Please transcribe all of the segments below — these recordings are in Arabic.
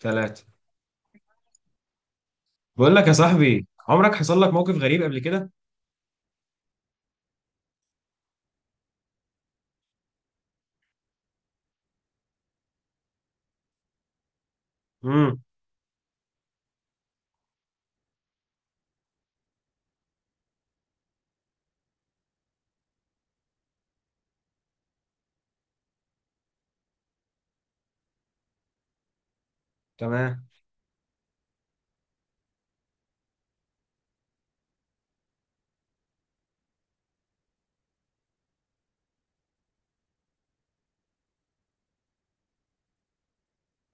ثلاثة. بقول لك يا صاحبي، عمرك حصل لك موقف غريب قبل كده؟ امم. تمام.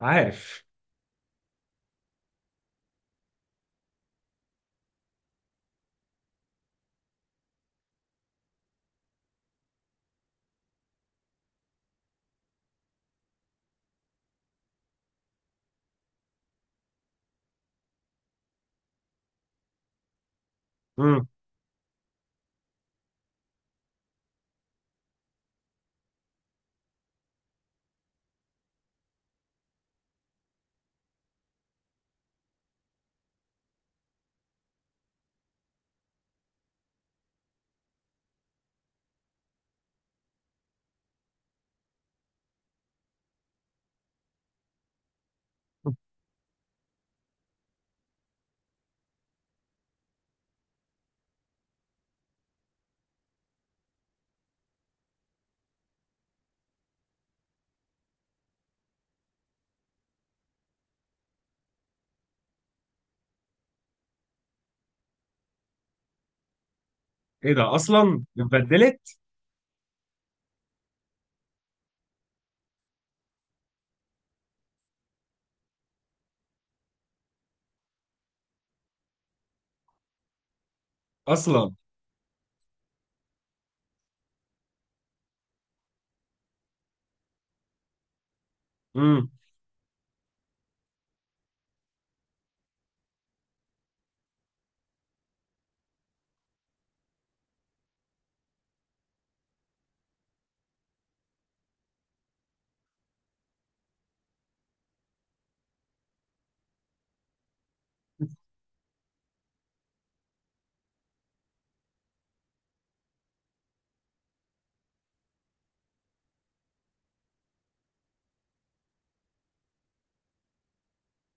عارف. امم. ايه ده؟ اصلا اتبدلت؟ اصلا. امم.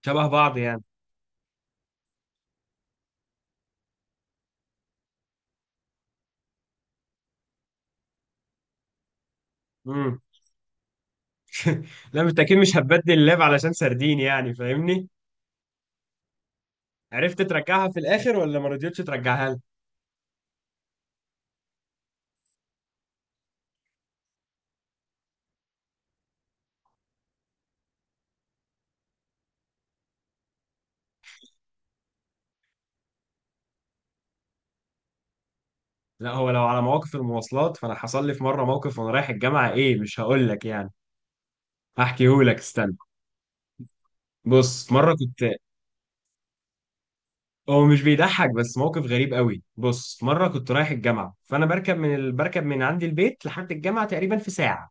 شبه بعض يعني. امم. لا، انت اكيد مش هتبدل اللاب علشان سردين، يعني فاهمني؟ عرفت ترجعها في الاخر ولا ما رضيتش ترجعها لي؟ لا، هو لو على مواقف المواصلات، فانا حصل لي في مره موقف وانا رايح الجامعه، ايه، مش هقول لك يعني. هحكيه لك، استنى. بص مره كنت... هو مش بيضحك بس موقف غريب قوي. بص، مره كنت رايح الجامعه، فانا بركب من عندي البيت لحد الجامعه تقريبا في ساعه.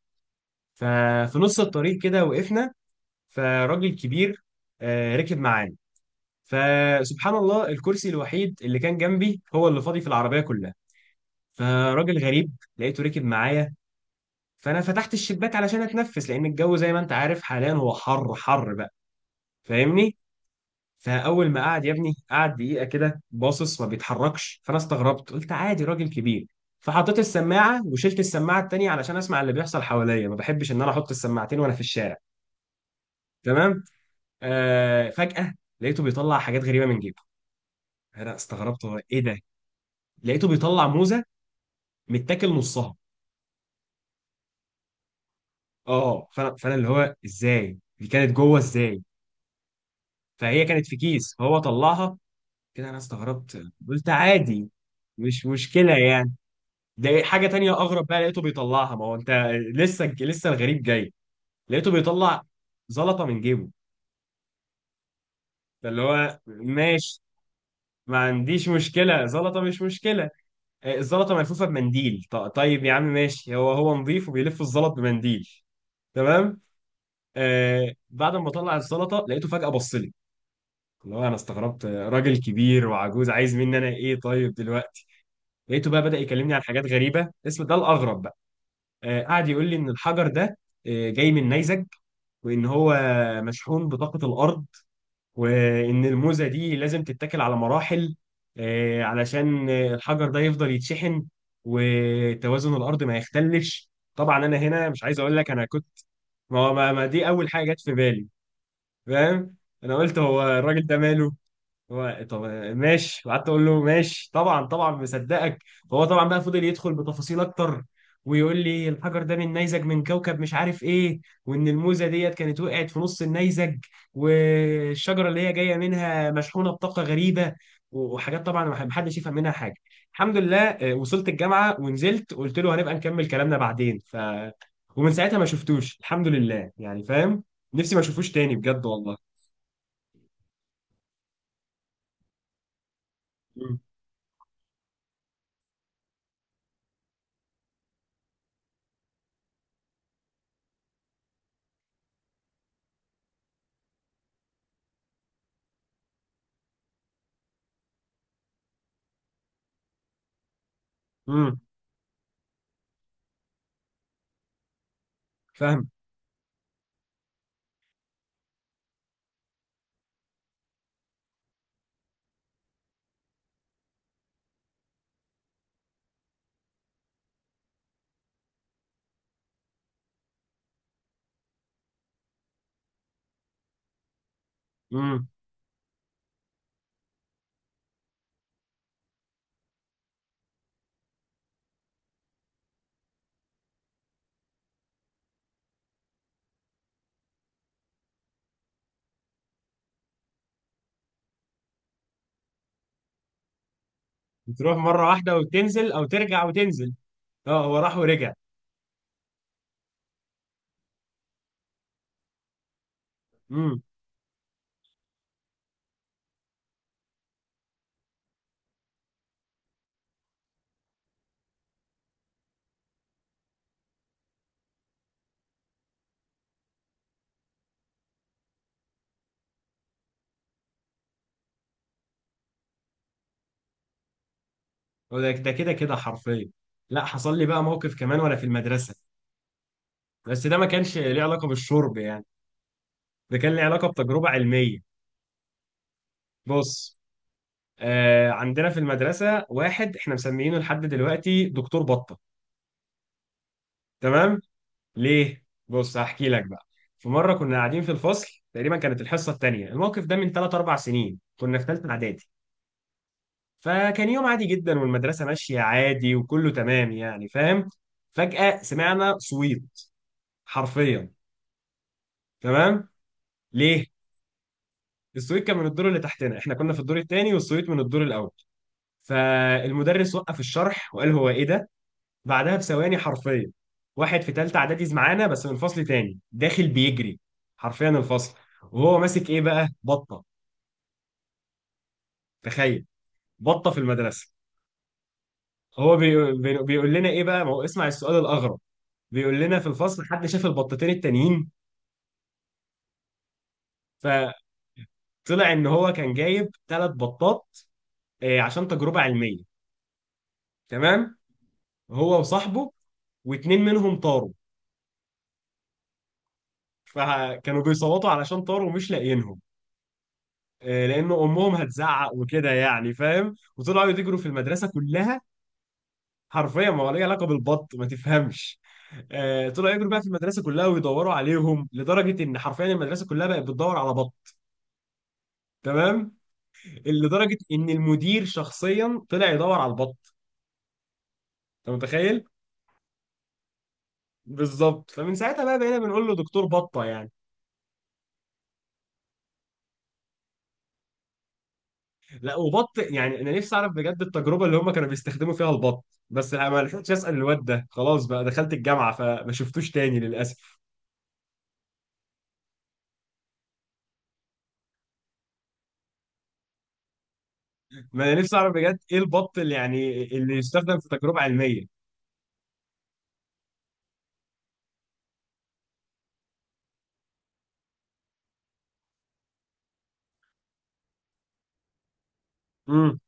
ففي نص الطريق كده وقفنا، فراجل كبير ركب معانا. فسبحان الله، الكرسي الوحيد اللي كان جنبي هو اللي فاضي في العربيه كلها. فراجل غريب لقيته ركب معايا. فانا فتحت الشباك علشان اتنفس، لان الجو زي ما انت عارف حاليا هو حر حر بقى، فاهمني. فاول ما قعد يا ابني، قعد دقيقه كده باصص ما بيتحركش، فانا استغربت قلت عادي راجل كبير. فحطيت السماعه وشلت السماعه التانيه علشان اسمع اللي بيحصل حواليا، ما بحبش ان انا احط السماعتين وانا في الشارع. تمام. فجاه لقيته بيطلع حاجات غريبه من جيبه. انا استغربت، هو ايه ده؟ لقيته بيطلع موزه متاكل نصها. اه، فانا اللي هو ازاي، دي كانت جوه ازاي؟ فهي كانت في كيس فهو طلعها كده. انا استغربت قلت عادي، مش مشكله يعني. ده حاجة تانية أغرب بقى، لقيته بيطلعها، ما هو أنت لسه لسه الغريب جاي. لقيته بيطلع زلطة من جيبه. فاللي هو ماشي، ما عنديش مشكلة، زلطة مش مشكلة. الزلطة ملفوفة بمنديل، طيب يا عم ماشي، هو نظيف وبيلف الزلط بمنديل. تمام. بعد ما طلع الزلطة لقيته فجأة بص لي. اللي هو أنا استغربت، راجل كبير وعجوز عايز مني أنا إيه طيب دلوقتي؟ لقيته بقى بدأ يكلمني عن حاجات غريبة، اسم ده الأغرب بقى. قعد يقول لي إن الحجر ده جاي من نيزك، وان هو مشحون بطاقة الارض، وان الموزة دي لازم تتاكل على مراحل علشان الحجر ده يفضل يتشحن وتوازن الارض ما يختلش. طبعا انا هنا مش عايز اقول لك انا كنت... ما دي اول حاجة جت في بالي، فاهم. انا قلت هو الراجل ده ماله، هو طب ماشي، وقعدت اقول له ماشي طبعا طبعا مصدقك. فهو طبعا بقى فضل يدخل بتفاصيل اكتر، ويقول لي الحجر ده من نيزك من كوكب مش عارف ايه، وان الموزه ديت كانت وقعت في نص النيزك، والشجره اللي هي جايه منها مشحونه بطاقه غريبه، وحاجات طبعا محدش يفهم منها حاجه. الحمد لله، وصلت الجامعه ونزلت، قلت له هنبقى نكمل كلامنا بعدين، ف... ومن ساعتها ما شفتوش، الحمد لله يعني، فاهم. نفسي ما اشوفوش تاني بجد والله. امم. فاهم. مم. بتروح مرة واحدة وتنزل أو ترجع وتنزل؟ اه، هو راح ورجع. امم. هو ده كده كده حرفيا. لا، حصل لي بقى موقف كمان وأنا في المدرسة، بس ده ما كانش ليه علاقة بالشرب يعني، ده كان ليه علاقة بتجربة علمية. بص، عندنا في المدرسة واحد احنا مسميينه لحد دلوقتي دكتور بطة. تمام. ليه؟ بص هحكي لك بقى. في مرة كنا قاعدين في الفصل، تقريبا كانت الحصة التانية، الموقف ده من 3 4 سنين، كنا في ثالثة إعدادي. فكان يوم عادي جدا، والمدرسة ماشية عادي وكله تمام يعني، فاهم. فجأة سمعنا صويت حرفيا. تمام. ليه؟ الصويت كان من الدور اللي تحتنا، احنا كنا في الدور الثاني والصويت من الدور الأول. فالمدرس وقف الشرح وقال هو ايه ده؟ بعدها بثواني حرفيا، واحد في ثالثة إعدادي معانا بس من فصل تاني داخل بيجري حرفيا الفصل، وهو ماسك ايه بقى؟ بطة. تخيل، بطة في المدرسة. هو بيقول لنا ايه بقى؟ ما هو اسمع السؤال الأغرب. بيقول لنا في الفصل حد شاف البطتين التانيين؟ فطلع ان هو كان جايب ثلاث بطات عشان تجربة علمية. تمام. هو وصاحبه، واتنين منهم طاروا، فكانوا بيصوتوا علشان طاروا ومش لاقيينهم لان امهم هتزعق وكده يعني، فاهم، وطلعوا يجروا في المدرسة كلها. حرفيا ما هو ليه علاقة بالبط، ما تفهمش. طلعوا يجروا بقى في المدرسة كلها ويدوروا عليهم لدرجة ان حرفيا المدرسة كلها بقت بتدور على بط. تمام. لدرجة ان المدير شخصيا طلع يدور على البط، انت متخيل؟ بالظبط. فمن ساعتها بقى بقينا بنقول له دكتور بطه يعني. لا، وبط يعني، انا نفسي اعرف بجد التجربه اللي هم كانوا بيستخدموا فيها البط، بس لا، ما لحقتش اسال الواد ده، خلاص بقى دخلت الجامعه فما شفتوش تاني للاسف. ما انا نفسي اعرف بجد ايه البط اللي يعني اللي يستخدم في تجربه علميه. امم.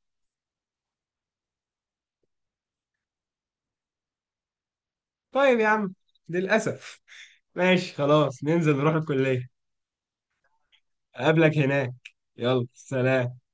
طيب يا عم، للاسف ماشي خلاص، ننزل نروح الكليه. اقابلك هناك. يلا، سلام.